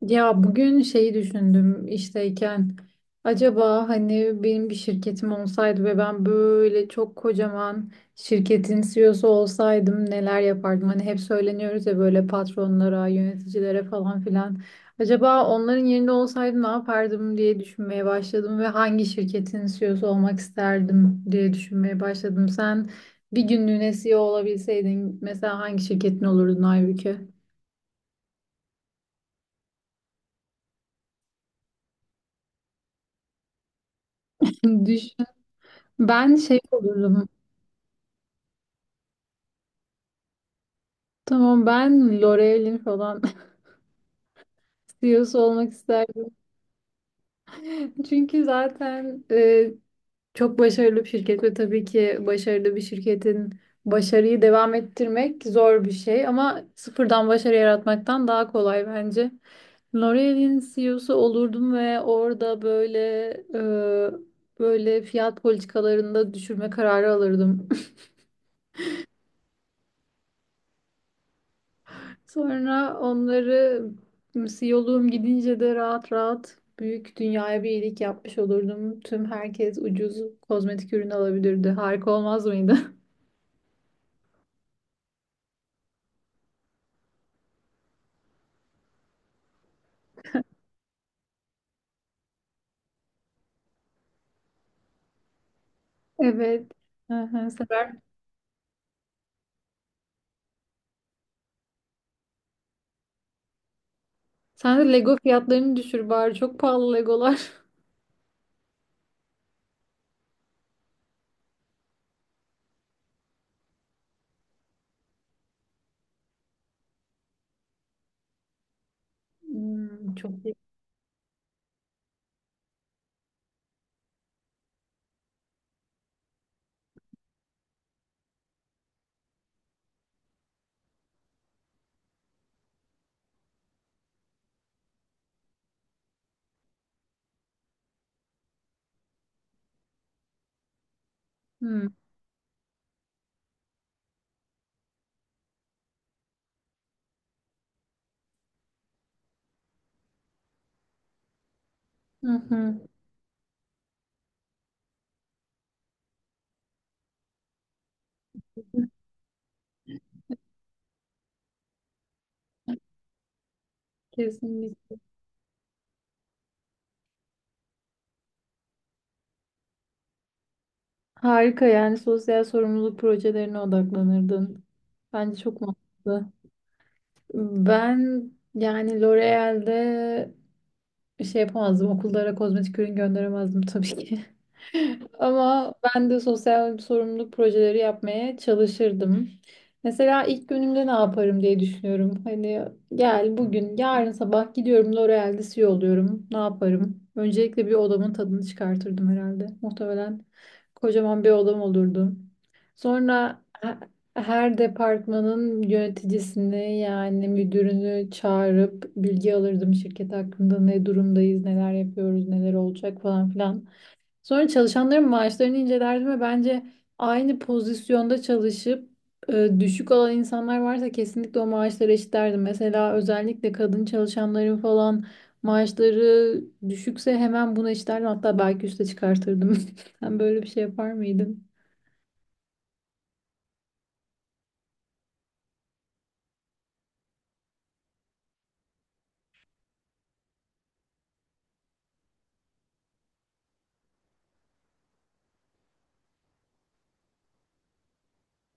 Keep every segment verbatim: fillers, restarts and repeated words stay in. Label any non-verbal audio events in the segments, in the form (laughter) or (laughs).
Ya bugün şeyi düşündüm işteyken acaba hani benim bir şirketim olsaydı ve ben böyle çok kocaman şirketin C E O'su olsaydım neler yapardım? Hani hep söyleniyoruz ya böyle patronlara, yöneticilere falan filan. Acaba onların yerinde olsaydım ne yapardım diye düşünmeye başladım ve hangi şirketin C E O'su olmak isterdim diye düşünmeye başladım. Sen bir günlüğüne C E O olabilseydin mesela hangi şirketin olurdun Aybüke? (laughs) Düşün. Ben şey olurdum. Tamam ben L'Oreal'in falan (laughs) C E O'su olmak isterdim. Çünkü zaten e, çok başarılı bir şirket ve tabii ki başarılı bir şirketin başarıyı devam ettirmek zor bir şey ama sıfırdan başarı yaratmaktan daha kolay bence. L'Oreal'in C E O'su olurdum ve orada böyle e, böyle fiyat politikalarında düşürme kararı alırdım. Sonra onları yolum gidince de rahat rahat büyük dünyaya bir iyilik yapmış olurdum. Tüm herkes ucuz kozmetik ürün alabilirdi. Harika olmaz mıydı? (laughs) Evet. Hı hı, sever. Sen de Lego fiyatlarını düşür bari. Çok pahalı Legolar. (laughs) Hmm, çok iyi. Hmm. Hı hı. Kesinlikle. Harika yani sosyal sorumluluk projelerine odaklanırdın. Bence çok mantıklı. Ben yani L'Oreal'de Bir şey yapamazdım. Okullara kozmetik ürün gönderemezdim tabii ki. (laughs) Ama ben de sosyal sorumluluk projeleri yapmaya çalışırdım. Mesela ilk günümde ne yaparım diye düşünüyorum. Hani gel bugün, yarın sabah gidiyorum L'Oreal'de C E O oluyorum. Ne yaparım? Öncelikle bir odamın tadını çıkartırdım herhalde. Muhtemelen kocaman bir odam olurdu. Sonra he- her departmanın yöneticisini yani müdürünü çağırıp bilgi alırdım şirket hakkında ne durumdayız, neler yapıyoruz, neler olacak falan filan. Sonra çalışanların maaşlarını inceledim ve bence aynı pozisyonda çalışıp e, düşük alan insanlar varsa kesinlikle o maaşları eşitlerdim. Mesela özellikle kadın çalışanların falan maaşları düşükse hemen bunu eşitlerdim. Hatta belki üste çıkartırdım. (laughs) Sen böyle bir şey yapar mıydın?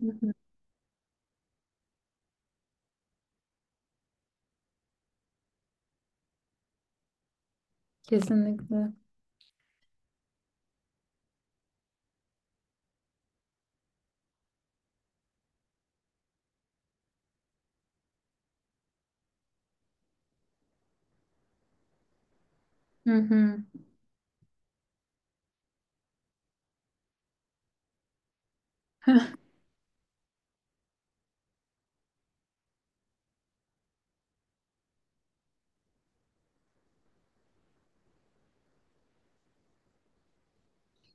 Hı hı. Kesinlikle. Hı hı.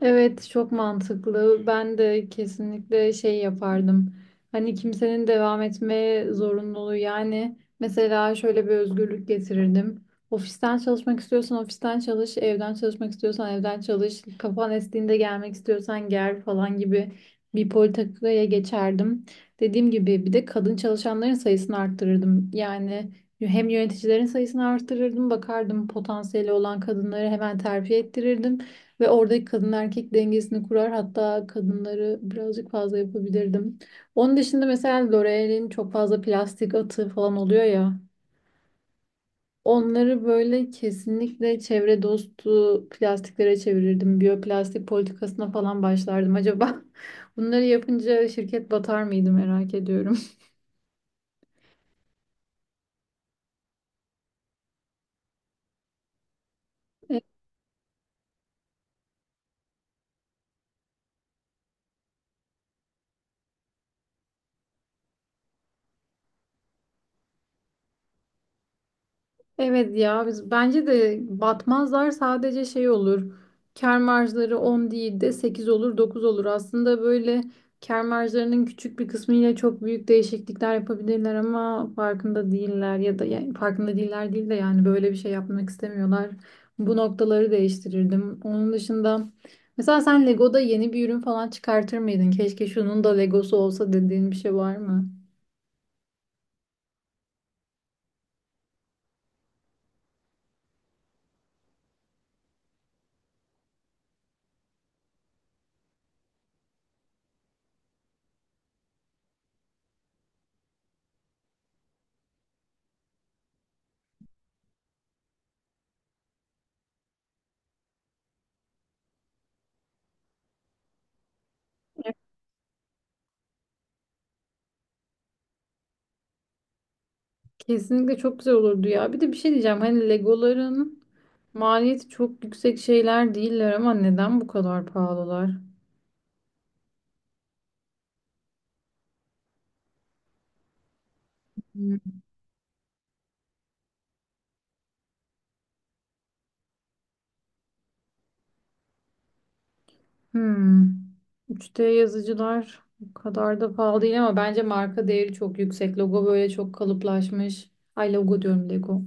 Evet, çok mantıklı. Ben de kesinlikle şey yapardım. Hani kimsenin devam etmeye zorunluluğu yani mesela şöyle bir özgürlük getirirdim. Ofisten çalışmak istiyorsan ofisten çalış, evden çalışmak istiyorsan evden çalış, kafan estiğinde gelmek istiyorsan gel falan gibi bir politikaya geçerdim. Dediğim gibi bir de kadın çalışanların sayısını arttırırdım. Yani hem yöneticilerin sayısını arttırırdım, bakardım potansiyeli olan kadınları hemen terfi ettirirdim. Ve oradaki kadın erkek dengesini kurar. Hatta kadınları birazcık fazla yapabilirdim. Onun dışında mesela L'Oreal'in çok fazla plastik atığı falan oluyor ya. Onları böyle kesinlikle çevre dostu plastiklere çevirirdim. Biyoplastik politikasına falan başlardım. Acaba (laughs) bunları yapınca şirket batar mıydı merak ediyorum. (laughs) Evet ya, biz bence de batmazlar, sadece şey olur. Kâr marjları on değil de sekiz olur, dokuz olur. Aslında böyle kâr marjlarının küçük bir kısmıyla çok büyük değişiklikler yapabilirler ama farkında değiller ya da yani farkında değiller değil de yani böyle bir şey yapmak istemiyorlar. Bu noktaları değiştirirdim. Onun dışında mesela sen Lego'da yeni bir ürün falan çıkartır mıydın? Keşke şunun da Legosu olsa dediğin bir şey var mı? Kesinlikle çok güzel olurdu ya. Bir de bir şey diyeceğim. Hani Legoların maliyeti çok yüksek şeyler değiller ama neden bu kadar pahalılar? Hmm. Hmm. üç D yazıcılar bu kadar da pahalı değil ama bence marka değeri çok yüksek. Logo böyle çok kalıplaşmış. Ay logo diyorum, Lego.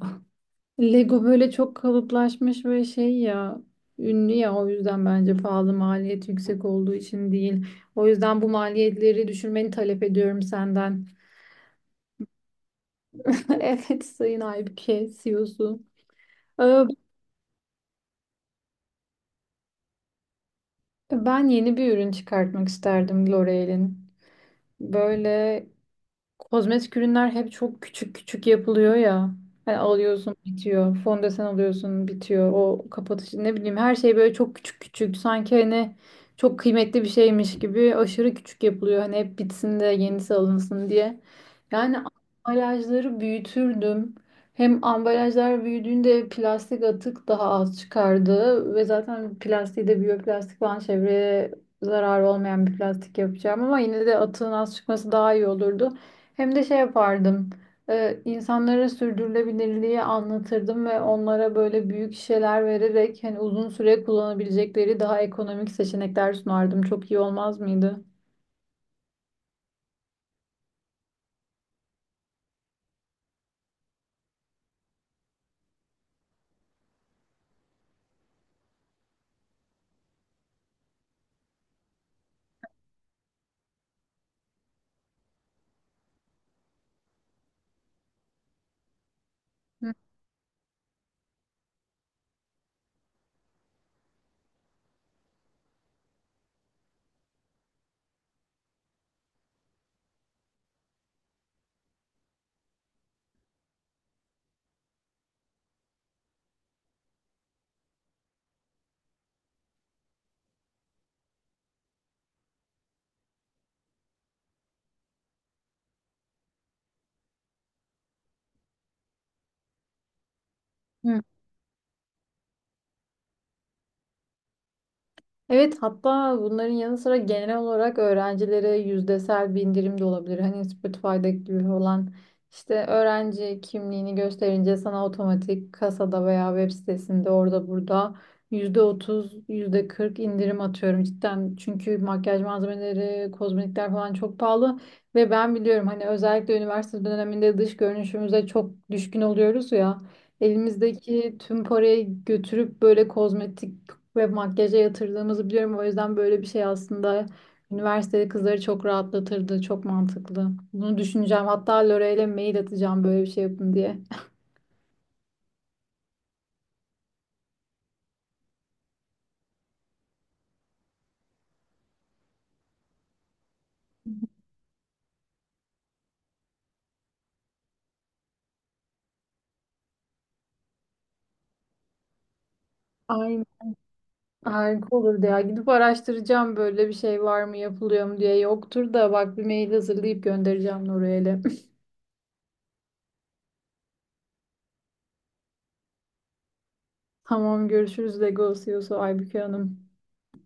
(laughs) Lego böyle çok kalıplaşmış ve şey ya, ünlü ya, o yüzden bence pahalı, maliyet yüksek olduğu için değil. O yüzden bu maliyetleri düşürmeni talep ediyorum senden. (laughs) Evet Sayın Aybüke C E O'su. Ee, Ben yeni bir ürün çıkartmak isterdim L'Oreal'in. Böyle kozmetik ürünler hep çok küçük küçük yapılıyor ya. Hani alıyorsun bitiyor. Fondöten alıyorsun bitiyor. O kapatıcı ne bileyim, her şey böyle çok küçük küçük. Sanki hani çok kıymetli bir şeymiş gibi aşırı küçük yapılıyor. Hani hep bitsin de yenisi alınsın diye. Yani ambalajları büyütürdüm. Hem ambalajlar büyüdüğünde plastik atık daha az çıkardı. Ve zaten plastiği de biyoplastik falan, çevreye zararı olmayan bir plastik yapacağım. Ama yine de atığın az çıkması daha iyi olurdu. Hem de şey yapardım. E, insanlara sürdürülebilirliği anlatırdım ve onlara böyle büyük şişeler vererek hani uzun süre kullanabilecekleri daha ekonomik seçenekler sunardım. Çok iyi olmaz mıydı? Hı. Evet, hatta bunların yanı sıra genel olarak öğrencilere yüzdesel bir indirim de olabilir. Hani Spotify'daki gibi olan işte öğrenci kimliğini gösterince sana otomatik kasada veya web sitesinde orada burada yüzde otuz, yüzde kırk indirim, atıyorum, cidden. Çünkü makyaj malzemeleri, kozmetikler falan çok pahalı ve ben biliyorum hani özellikle üniversite döneminde dış görünüşümüze çok düşkün oluyoruz ya. Elimizdeki tüm parayı götürüp böyle kozmetik ve makyaja yatırdığımızı biliyorum. O yüzden böyle bir şey aslında üniversitede kızları çok rahatlatırdı. Çok mantıklı. Bunu düşüneceğim. Hatta Lore'yle mail atacağım böyle bir şey yapın diye. Aynen. Harika olurdu ya. Gidip araştıracağım böyle bir şey var mı, yapılıyor mu diye. Yoktur da bak, bir mail hazırlayıp göndereceğim Lore'yle. (laughs) Tamam, görüşürüz Legos Yosu Aybüke Hanım.